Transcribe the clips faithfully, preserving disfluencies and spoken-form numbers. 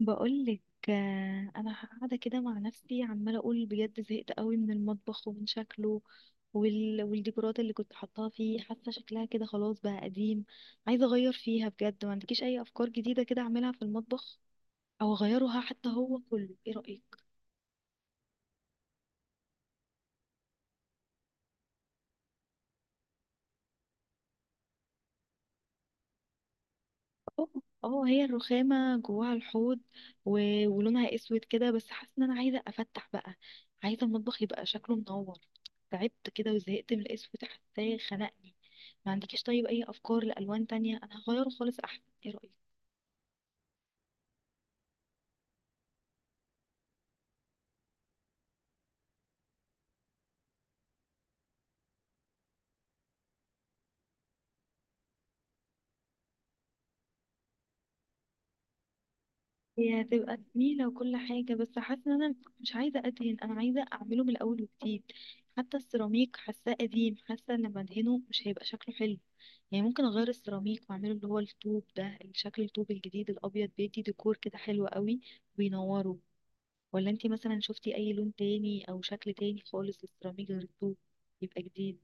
بقولك آه، انا قاعده كده مع نفسي عماله اقول بجد زهقت قوي من المطبخ ومن شكله وال... والديكورات اللي كنت حاطاها فيه، حاسه شكلها كده خلاص بقى قديم. عايزه اغير فيها بجد، ما عندكيش اي افكار جديده كده اعملها في المطبخ او اغيرها حتى هو كله، ايه رايك؟ اه اه، هي الرخامة جواها الحوض و... ولونها اسود كده، بس حاسة ان انا عايزة افتح بقى. عايزة المطبخ يبقى شكله منور. تعبت كده وزهقت من الاسود، حاساه خنقني. ما عندكيش طيب اي افكار لالوان تانية؟ انا هغيره خالص احسن، ايه رأيك؟ هي هتبقى جميلة وكل حاجة، بس حاسة ان انا مش عايزة ادهن، انا عايزة اعمله من الاول وجديد. حتى السيراميك حاساه قديم، حاسة ان لما ادهنه مش هيبقى شكله حلو. يعني ممكن اغير السيراميك واعمله اللي هو الطوب ده، شكل الطوب الجديد الابيض بيدي ديكور كده حلو قوي وينوره. ولا انتي مثلا شفتي اي لون تاني او شكل تاني خالص للسيراميك غير الطوب يبقى جديد؟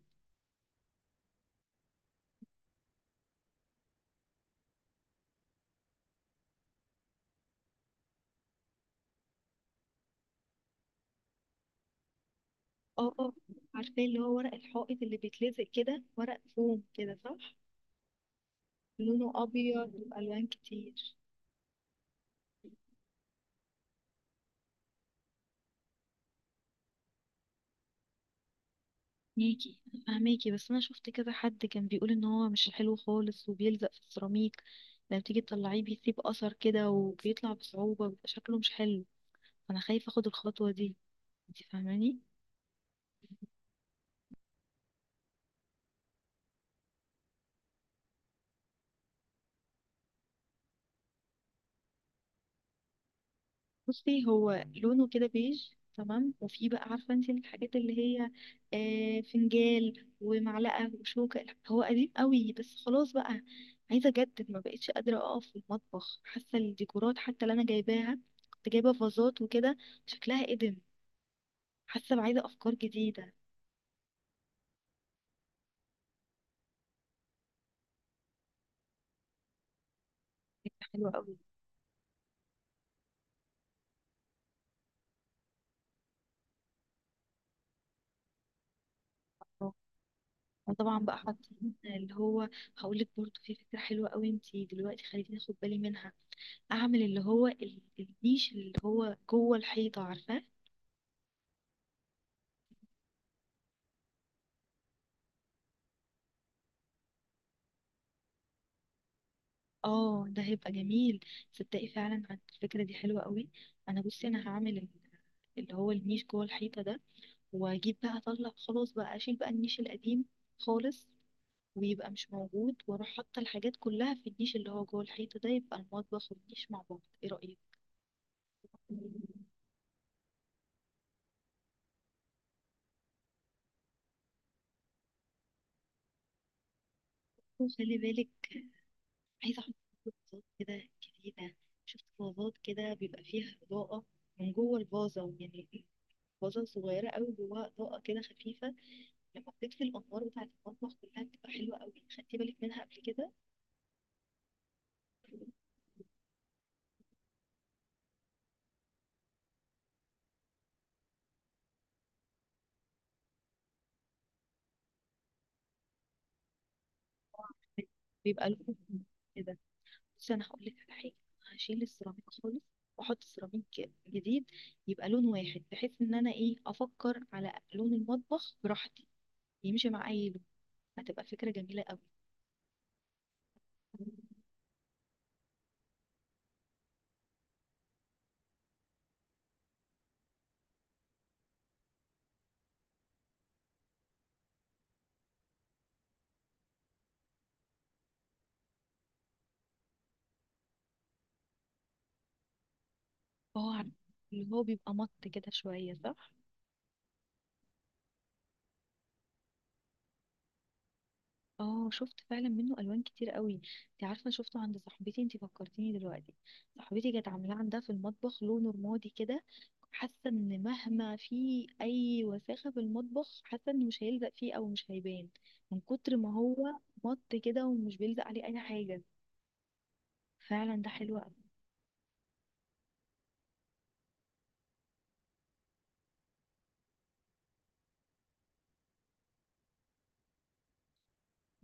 اه اه، عارفة اللي هو ورق الحائط اللي بيتلزق كده، ورق فوم كده، صح؟ لونه ابيض والوان كتير. ميكي، فهماكي، بس انا شفت كذا حد كان بيقول ان هو مش حلو خالص وبيلزق في السيراميك، لما تيجي تطلعيه بيسيب اثر كده وبيطلع بصعوبة، بيبقى شكله مش حلو، فانا خايفة اخد الخطوة دي. انت فاهماني؟ بصي هو لونه كده بيج تمام، وفي بقى عارفة انت الحاجات اللي هي آه فنجال ومعلقة وشوكة، هو قديم قوي بس خلاص بقى عايزة اجدد. ما بقتش قادرة اقف في المطبخ، حاسة الديكورات حتى اللي انا جايباها، كنت جايبة فازات وكده، شكلها قديم. حاسه بعايزه افكار جديده. فكره حلوه قوي. اه. وطبعا بقى حاطين اللي هو، هقول لك برضه في فكره حلوه قوي، انت دلوقتي خليتيني اخد بالي منها. اعمل اللي هو ال- النيش اللي هو جوه الحيطه، عارفاه؟ اه ده هيبقى جميل. صدقي فعلا عن- الفكره دي حلوه قوي. انا بصي انا هعمل ال- اللي هو النيش جوه الحيطه ده، واجيب بقى، اطلع خلاص بقى اشيل بقى النيش القديم خالص، ويبقى مش موجود، واروح حاطه الحاجات كلها في النيش اللي هو جوه الحيطه ده، يبقى المطبخ والنيش مع بعض، ايه رايك؟ خلي بالك، عايزة أحط فازات كده جديدة. شفت فازات كده بيبقى فيها إضاءة من جوه الفازة يعني، فازة صغيرة أوي جواها إضاءة كده خفيفة، لما بتطفي الأنوار بتاعة المطبخ كلها بتبقى حلوة أوي. خدتي بالك منها قبل كده؟ بيبقى لونه كده. بس أنا هقول لك على حاجة، هشيل السيراميك خالص وأحط سيراميك جديد، يبقى لون واحد بحيث إن أنا إيه، أفكر على لون المطبخ براحتي، يمشي مع أي لون. هتبقى فكرة جميلة أوي. اه عارفة اللي هو بيبقى مط كده شوية، صح؟ اه شفت فعلا منه الوان كتير قوي. انت عارفة شفته عند صاحبتي، انت فكرتيني دلوقتي، صاحبتي كانت عاملاه عندها في المطبخ لونه رمادي كده، حاسة ان مهما في اي وساخة في المطبخ، حاسة انه مش هيلزق فيه او مش هيبان من كتر ما هو مط كده ومش بيلزق عليه اي حاجة. فعلا ده حلو.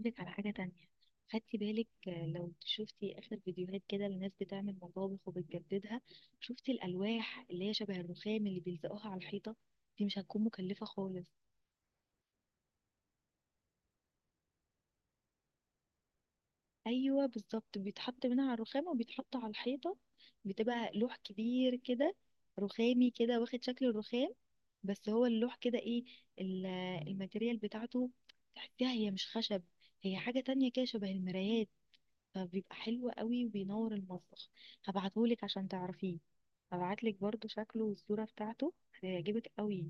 لك على حاجة تانية، خدتي بالك آه، لو شفتي آخر فيديوهات كده لناس بتعمل مطابخ وبتجددها؟ شفتي الألواح اللي هي شبه الرخام اللي بيلزقوها على الحيطة؟ دي مش هتكون مكلفة خالص. أيوة بالظبط، بيتحط منها على الرخام وبيتحط على الحيطة، بتبقى لوح كبير كده رخامي كده واخد شكل الرخام. بس هو اللوح كده ايه ال- الماتيريال بتاعته، تحسيها هي مش خشب، هي حاجة تانية كده شبه المرايات، فبيبقى حلو قوي وبينور المطبخ. هبعتهولك عشان تعرفيه، هبعتلك برضو شكله والصورة بتاعته، هيعجبك قوي.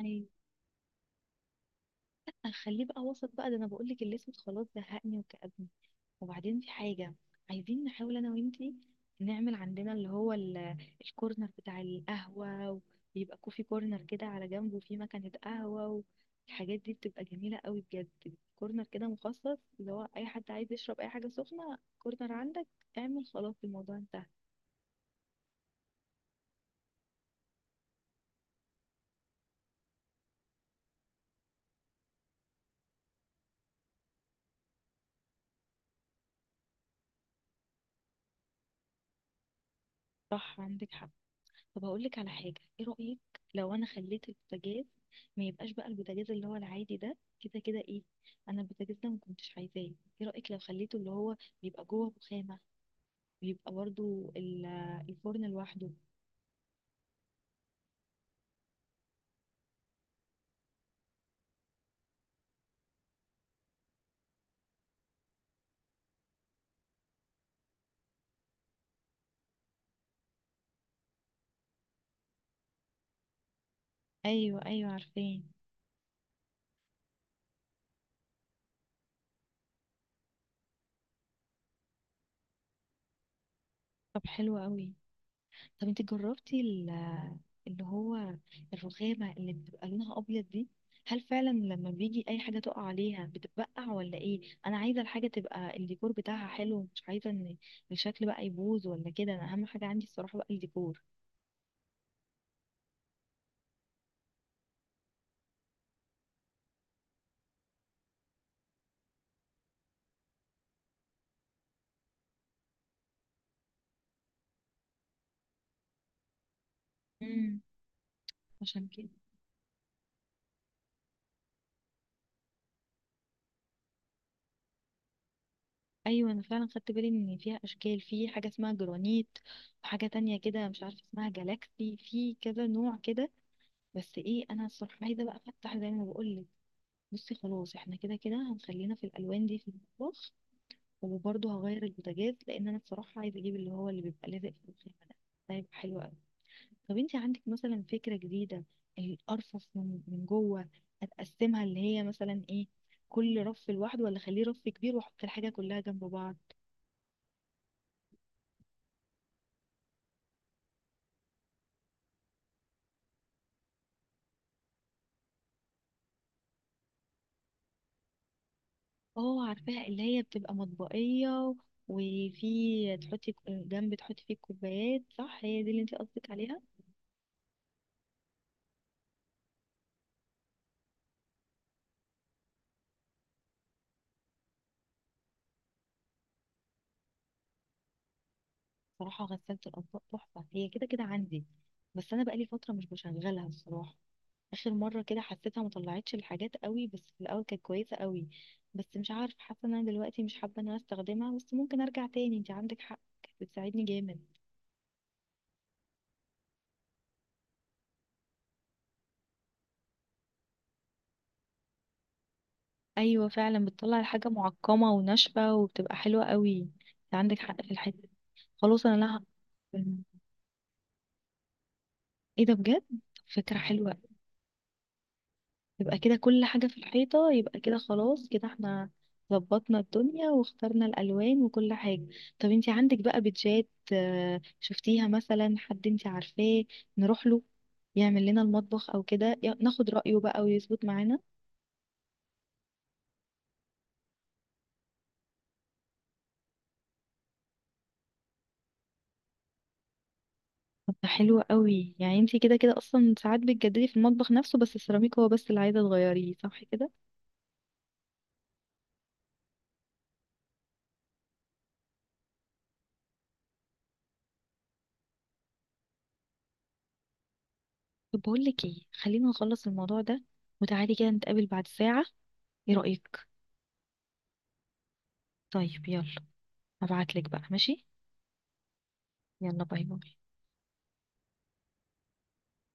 يعني اخليه بقى وسط بقى، ده انا بقولك الاسود خلاص زهقني وكأبني. وبعدين في حاجة، عايزين نحاول انا وانتي نعمل عندنا اللي هو ال- الكورنر بتاع القهوة، ويبقى كوفي كورنر كده على جنبه فيه مكنة قهوة، والحاجات دي بتبقى جميلة قوي بجد. كورنر كده مخصص اللي هو اي حد عايز يشرب اي حاجة سخنة، كورنر عندك اعمل، خلاص الموضوع انتهى. صح عندك حق. طب هقول لك على حاجه، ايه رايك لو انا خليت البوتاجاز ما يبقاش بقى البوتاجاز اللي هو العادي ده، كده كده ايه، انا البوتاجاز ده ما كنتش عايزاه. ايه رايك لو خليته اللي هو بيبقى جوه رخامه، بيبقى برضو ال- الفرن لوحده؟ ايوه ايوه عارفاه. طب حلو قوي. طب انت جربتي ال- اللي هو الرخامة اللي بتبقى لونها أبيض دي؟ هل فعلا لما بيجي أي حاجة تقع عليها بتتبقع ولا إيه؟ أنا عايزة الحاجة تبقى الديكور بتاعها حلو، مش عايزة إن الشكل بقى يبوظ ولا كده، أنا أهم حاجة عندي الصراحة بقى الديكور. امم، عشان كده. أيوة أنا فعلا خدت بالي إن فيها أشكال، في حاجة اسمها جرانيت وحاجة تانية كده مش عارفة اسمها جالاكسي، في كذا نوع كده. بس إيه، أنا الصراحة عايزة بقى أفتح زي ما بقول. بصي خلاص احنا كده كده هنخلينا في الالوان دي في المطبخ، وبرضه هغير البوتاجاز لان انا بصراحه عايزه اجيب اللي هو اللي بيبقى لازق في الخيمه ده، ده هيبقى حلو قوي. طب انت عندك مثلا فكره جديده؟ الارفف من من جوه هتقسمها اللي هي مثلا ايه، كل رف لوحده ولا اخليه رف كبير واحط الحاجه كلها جنب بعض؟ اه عارفاها اللي هي بتبقى مطبقيه، وفي تحطي ك- جنب تحطي فيه الكوبايات، صح؟ هي دي اللي انت قصدك عليها؟ صراحة غسالة الأطباق تحفة، هي كده كده عندي بس أنا بقالي فترة مش بشغلها الصراحة. آخر مرة كده حسيتها مطلعتش الحاجات قوي، بس في الأول كانت كويسة قوي. بس مش عارف، حاسة إن أنا دلوقتي مش حابة إن أنا أستخدمها، بس ممكن أرجع تاني، أنت عندك حق كانت بتساعدني جامد. أيوة فعلا بتطلع الحاجة معقمة وناشفة وبتبقى حلوة قوي. أنت عندك حق في الحتة دي. خلاص أنا لها. إيه ده بجد، فكرة حلوة. يبقى كده كل حاجة في الحيطة، يبقى كده خلاص كده، احنا ظبطنا الدنيا واخترنا الألوان وكل حاجة. طب انتي عندك بقى بيتجات آه، شفتيها مثلا، حد انتي عارفاه نروح له يعمل لنا المطبخ او كده يا- ناخد رأيه بقى ويظبط معانا؟ طب ده حلو قوي، يعني انتي كده كده اصلا ساعات بتجددي في المطبخ نفسه بس السيراميك هو بس اللي عايزة تغيريه، صح كده؟ طب بقول لك ايه، خلينا نخلص الموضوع ده وتعالي كده نتقابل بعد ساعة، ايه رأيك؟ طيب يلا، هبعتلك بقى، ماشي، يلا باي باي.